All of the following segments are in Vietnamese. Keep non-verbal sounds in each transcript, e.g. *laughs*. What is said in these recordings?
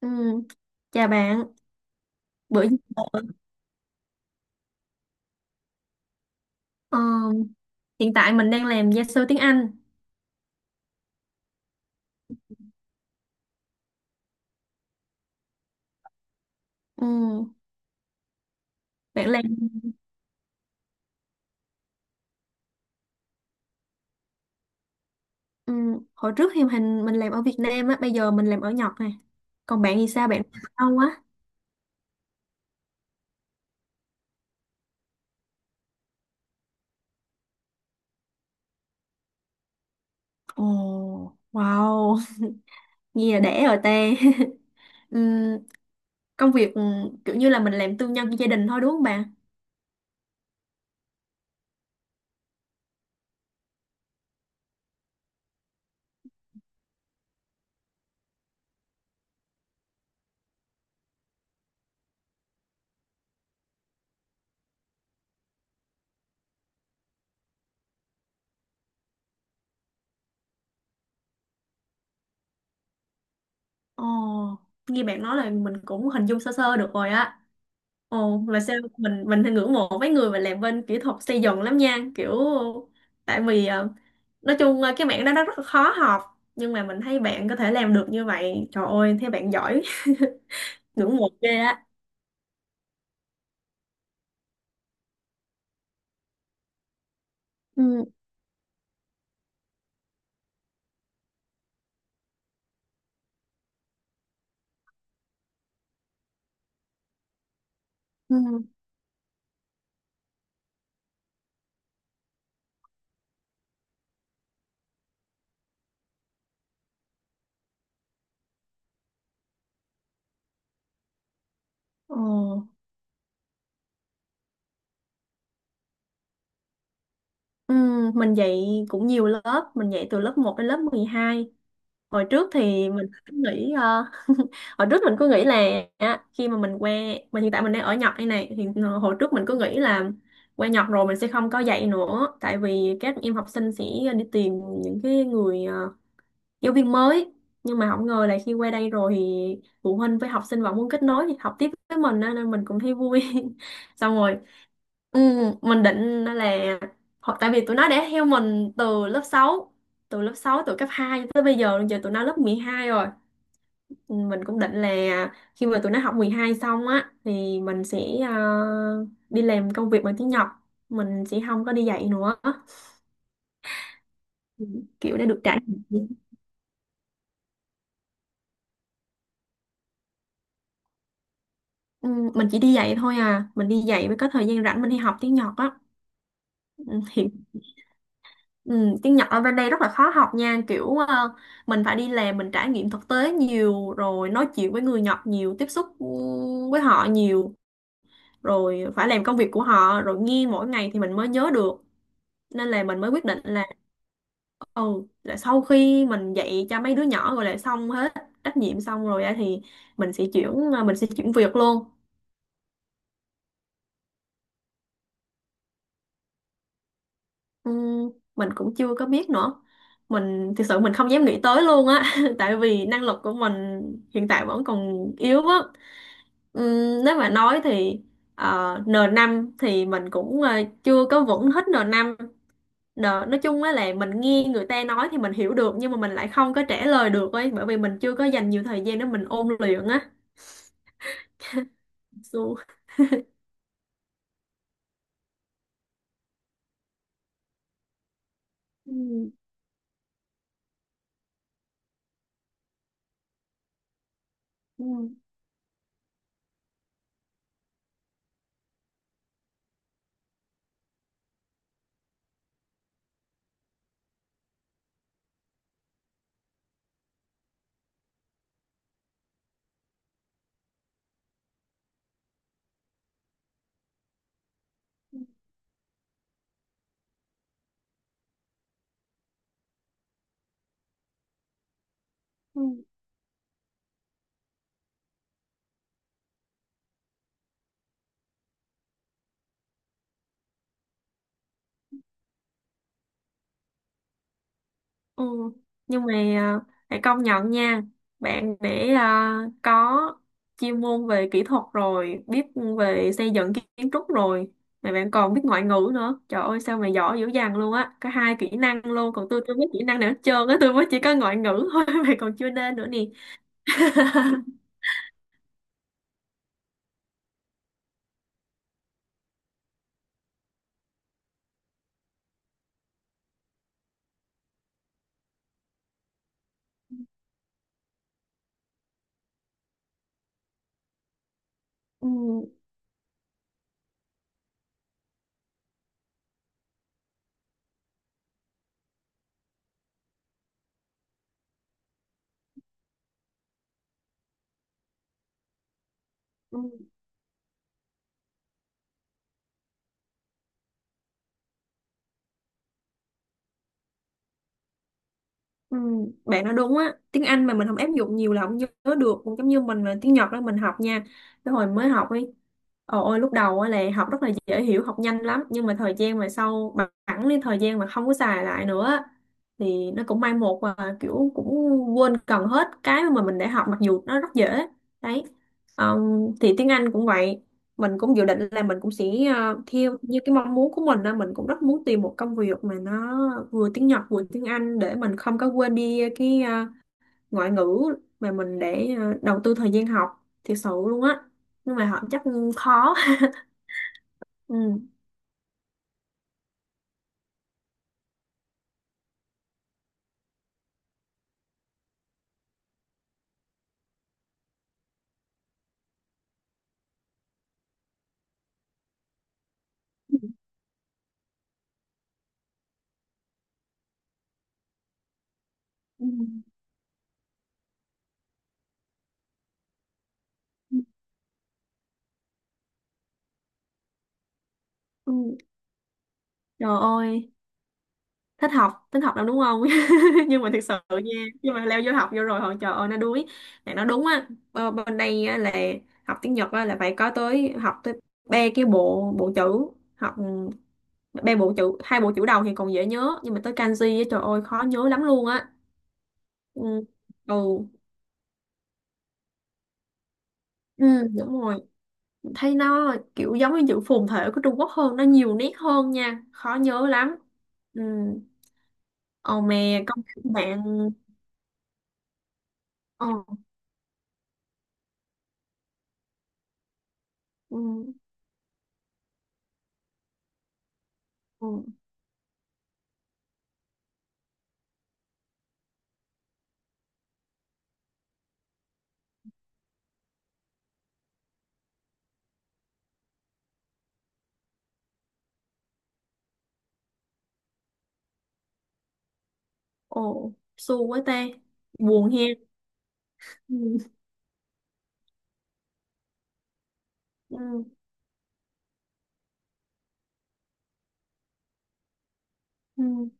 Ừ, chào bạn. Bữa ờ, Hiện tại mình đang làm gia sư tiếng Anh. Ừ, bạn làm ừ, Hồi trước thì hình mình làm ở Việt Nam á, bây giờ mình làm ở Nhật nè. Còn bạn thì sao? Bạn làm ở đâu á? Ồ, wow, nghe là đẻ rồi ta. *laughs* Ừ, công việc ừ, Kiểu như là mình làm tư nhân cho gia đình thôi đúng không bạn? Ồ, nghe bạn nói là mình cũng hình dung sơ sơ được rồi á. Ồ, là sao mình thì ngưỡng mộ mấy người mà làm bên kỹ thuật xây dựng lắm nha, kiểu tại vì nói chung cái mảng đó nó rất là khó học, nhưng mà mình thấy bạn có thể làm được như vậy, trời ơi, thấy bạn giỏi, *laughs* ngưỡng mộ ghê á. Ừ, ừ. Ồ. Ừ, mình dạy cũng nhiều lớp, mình dạy từ lớp một đến lớp 12. Hồi trước thì mình cứ nghĩ *laughs* hồi trước mình cứ nghĩ là á, khi mà mình qua mà hiện tại mình đang ở Nhật đây này thì hồi trước mình cứ nghĩ là qua Nhật rồi mình sẽ không có dạy nữa, tại vì các em học sinh sẽ đi tìm những cái người giáo viên mới, nhưng mà không ngờ là khi qua đây rồi thì phụ huynh với học sinh vẫn muốn kết nối học tiếp với mình á, nên mình cũng thấy vui. *laughs* Xong rồi. Ừ, mình định là hoặc tại vì tụi nó đã theo mình từ lớp sáu từ cấp 2 tới bây giờ giờ tụi nó lớp 12 rồi. Ừ, mình cũng định là khi mà tụi nó học 12 xong á thì mình sẽ ờ, đi làm công việc bằng tiếng Nhật, mình sẽ không có đi dạy nữa. Ừ, kiểu đã được trải nghiệm. Ừ, mình chỉ đi dạy thôi à, mình đi dạy mới có thời gian rảnh mình đi học tiếng Nhật á. Ừ, tiếng Nhật ở bên đây rất là khó học nha, kiểu mình phải đi làm mình trải nghiệm thực tế nhiều rồi nói chuyện với người Nhật nhiều, tiếp xúc với họ nhiều rồi phải làm công việc của họ rồi nghe mỗi ngày thì mình mới nhớ được, nên là mình mới quyết định ừ là sau khi mình dạy cho mấy đứa nhỏ rồi là xong hết trách nhiệm xong rồi á thì mình sẽ chuyển việc luôn. Ừ, mình cũng chưa có biết nữa, mình thực sự mình không dám nghĩ tới luôn á. *laughs* Tại vì năng lực của mình hiện tại vẫn còn yếu á. Nếu mà nói thì n năm thì mình cũng chưa có vững hết n năm. Nói chung á là mình nghe người ta nói thì mình hiểu được nhưng mà mình lại không có trả lời được ấy, bởi vì mình chưa có dành nhiều thời gian để mình ôn luyện á. Xu. Ừ, ừ, ừ. Ừ. Nhưng mà phải công nhận nha bạn, để có chuyên môn về kỹ thuật rồi biết về xây dựng kiến trúc rồi mà bạn còn biết ngoại ngữ nữa, trời ơi sao mà giỏi dữ dằn luôn á, có hai kỹ năng luôn, còn tôi chưa biết kỹ năng nào hết trơn á, tôi mới chỉ có ngoại ngữ thôi *laughs* mà còn chưa nên nữa nè. Ừ. Ừ, bạn nói đúng á, tiếng Anh mà mình không áp dụng nhiều là không nhớ được, cũng giống như mình là tiếng Nhật đó mình học nha, cái hồi mới học ấy, ồ ôi lúc đầu á là học rất là dễ hiểu học nhanh lắm, nhưng mà thời gian mà sau bằng phẳng đi thời gian mà không có xài lại nữa á, thì nó cũng mai một và kiểu cũng quên gần hết cái mà mình đã học mặc dù nó rất dễ đấy. Ờ, thì tiếng Anh cũng vậy, mình cũng dự định là mình cũng sẽ theo như cái mong muốn của mình á, mình cũng rất muốn tìm một công việc mà nó vừa tiếng Nhật vừa tiếng Anh để mình không có quên đi cái ngoại ngữ mà mình để đầu tư thời gian học thiệt sự luôn á, nhưng mà họ chắc khó. *laughs* Ừ. Ừ. Ừ. Trời ơi thích học lắm đúng không. *laughs* Nhưng mà thực sự nha, nhưng mà leo vô học vô rồi họ trời ơi nó đuối. Mẹ nó đúng á, bên đây á, là học tiếng Nhật á, là phải có tới học tới ba cái bộ bộ chữ, học ba bộ chữ, hai bộ chữ đầu thì còn dễ nhớ, nhưng mà tới kanji á, trời ơi khó nhớ lắm luôn á. Ừ. Ừ, ừ, đúng rồi, thấy nó kiểu giống như chữ phồn thể của Trung Quốc hơn, nó nhiều nét hơn nha, khó nhớ lắm. Ừ. Ồ mè công bạn. Ồ, ừ, ừ. Ồ, xu quá ta. Buồn he. Ừ. Ừ. Ừ.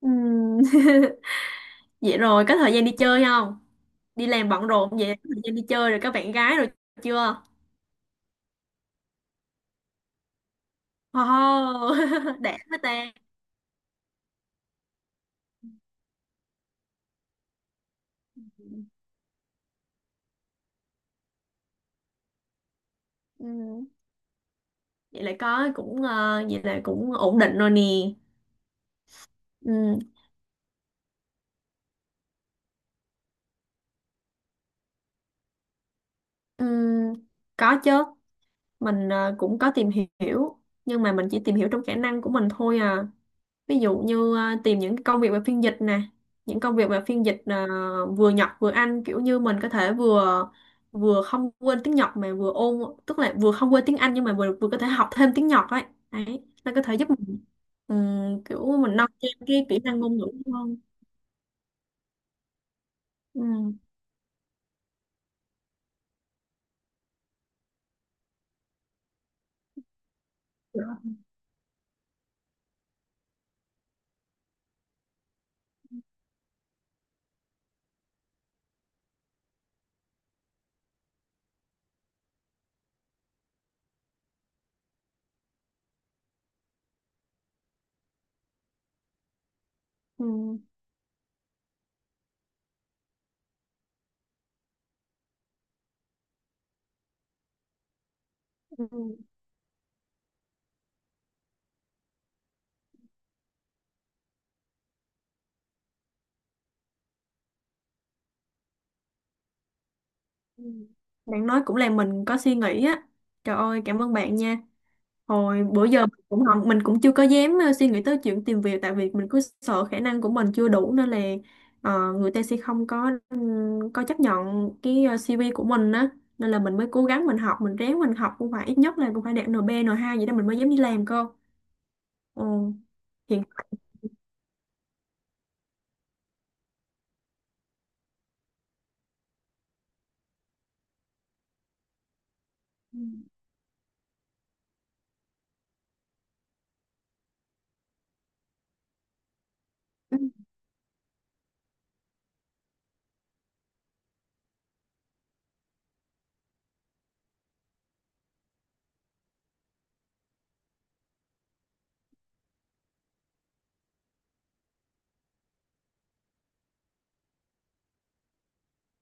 Ừ. *laughs* Vậy rồi, có thời gian đi chơi không? Đi làm bận rộn vậy, có thời gian đi chơi rồi, có bạn gái rồi chưa? Oh, *laughs* đã quá ta. Ừ. Vậy là có cũng vậy là cũng ổn định rồi nè. Ừ. Ừ. Có chứ. Mình cũng có tìm hiểu, nhưng mà mình chỉ tìm hiểu trong khả năng của mình thôi à. Ví dụ như tìm những công việc về phiên dịch nè, những công việc về phiên dịch vừa Nhật vừa Anh, kiểu như mình có thể vừa vừa không quên tiếng Nhật mà vừa ôn, tức là vừa không quên tiếng Anh nhưng mà vừa vừa có thể học thêm tiếng Nhật ấy, đấy nó có thể giúp mình kiểu mình nâng cao cái kỹ năng ngôn ngữ hơn. Ừ. Ừ. Ừ. Ừ. Bạn nói cũng làm mình có suy nghĩ á, trời ơi cảm ơn bạn nha. Hồi bữa giờ mình cũng không, mình cũng chưa có dám suy nghĩ tới chuyện tìm việc tại vì mình cứ sợ khả năng của mình chưa đủ, nên là người ta sẽ không có có chấp nhận cái CV của mình á, nên là mình mới cố gắng mình học mình ráng mình học cũng phải ít nhất là cũng phải đạt NB N2 vậy đó mình mới dám đi làm cơ. Ừ. Hiện Ừ. Ừ,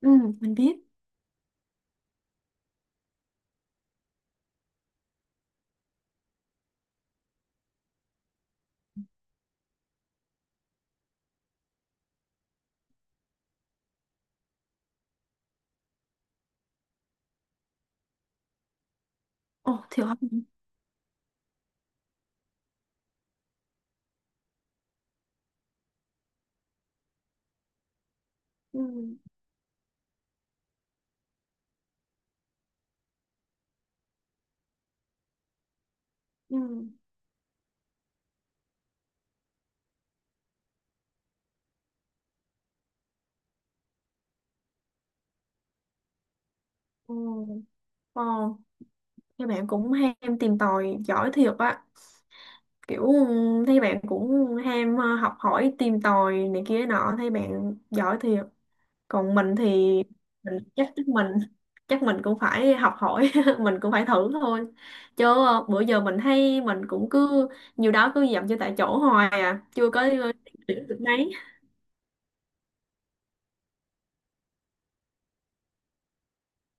ừ, mình biết. Ồ thiệt hả? Ừ. Ừ. Ừ. Ồ. Ồ, các bạn cũng ham tìm tòi giỏi thiệt á, kiểu ừ, thấy bạn cũng ham học hỏi tìm tòi này kia nọ, thấy bạn giỏi thiệt, còn mình thì mình chắc chắc mình cũng phải học hỏi. *laughs* Mình cũng phải thử thôi, chứ bữa giờ mình thấy mình cũng cứ nhiều đó cứ dậm chân tại chỗ hoài à, chưa có điểm được mấy.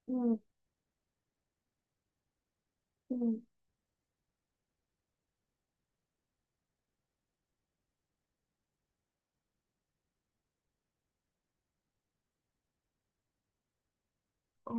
Ừ, ừ, ừ.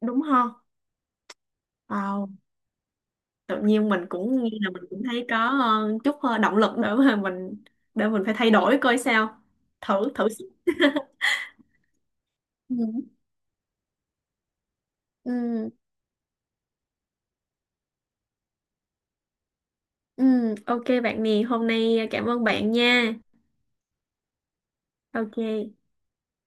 Đúng không. Wow, tự nhiên mình cũng nghe là mình cũng thấy có chút động lực để mà mình để mình phải thay đổi coi sao, thử thử sức. Ừ. Ừ, ừ, ok bạn nè, hôm nay à, cảm ơn bạn nha. Ok.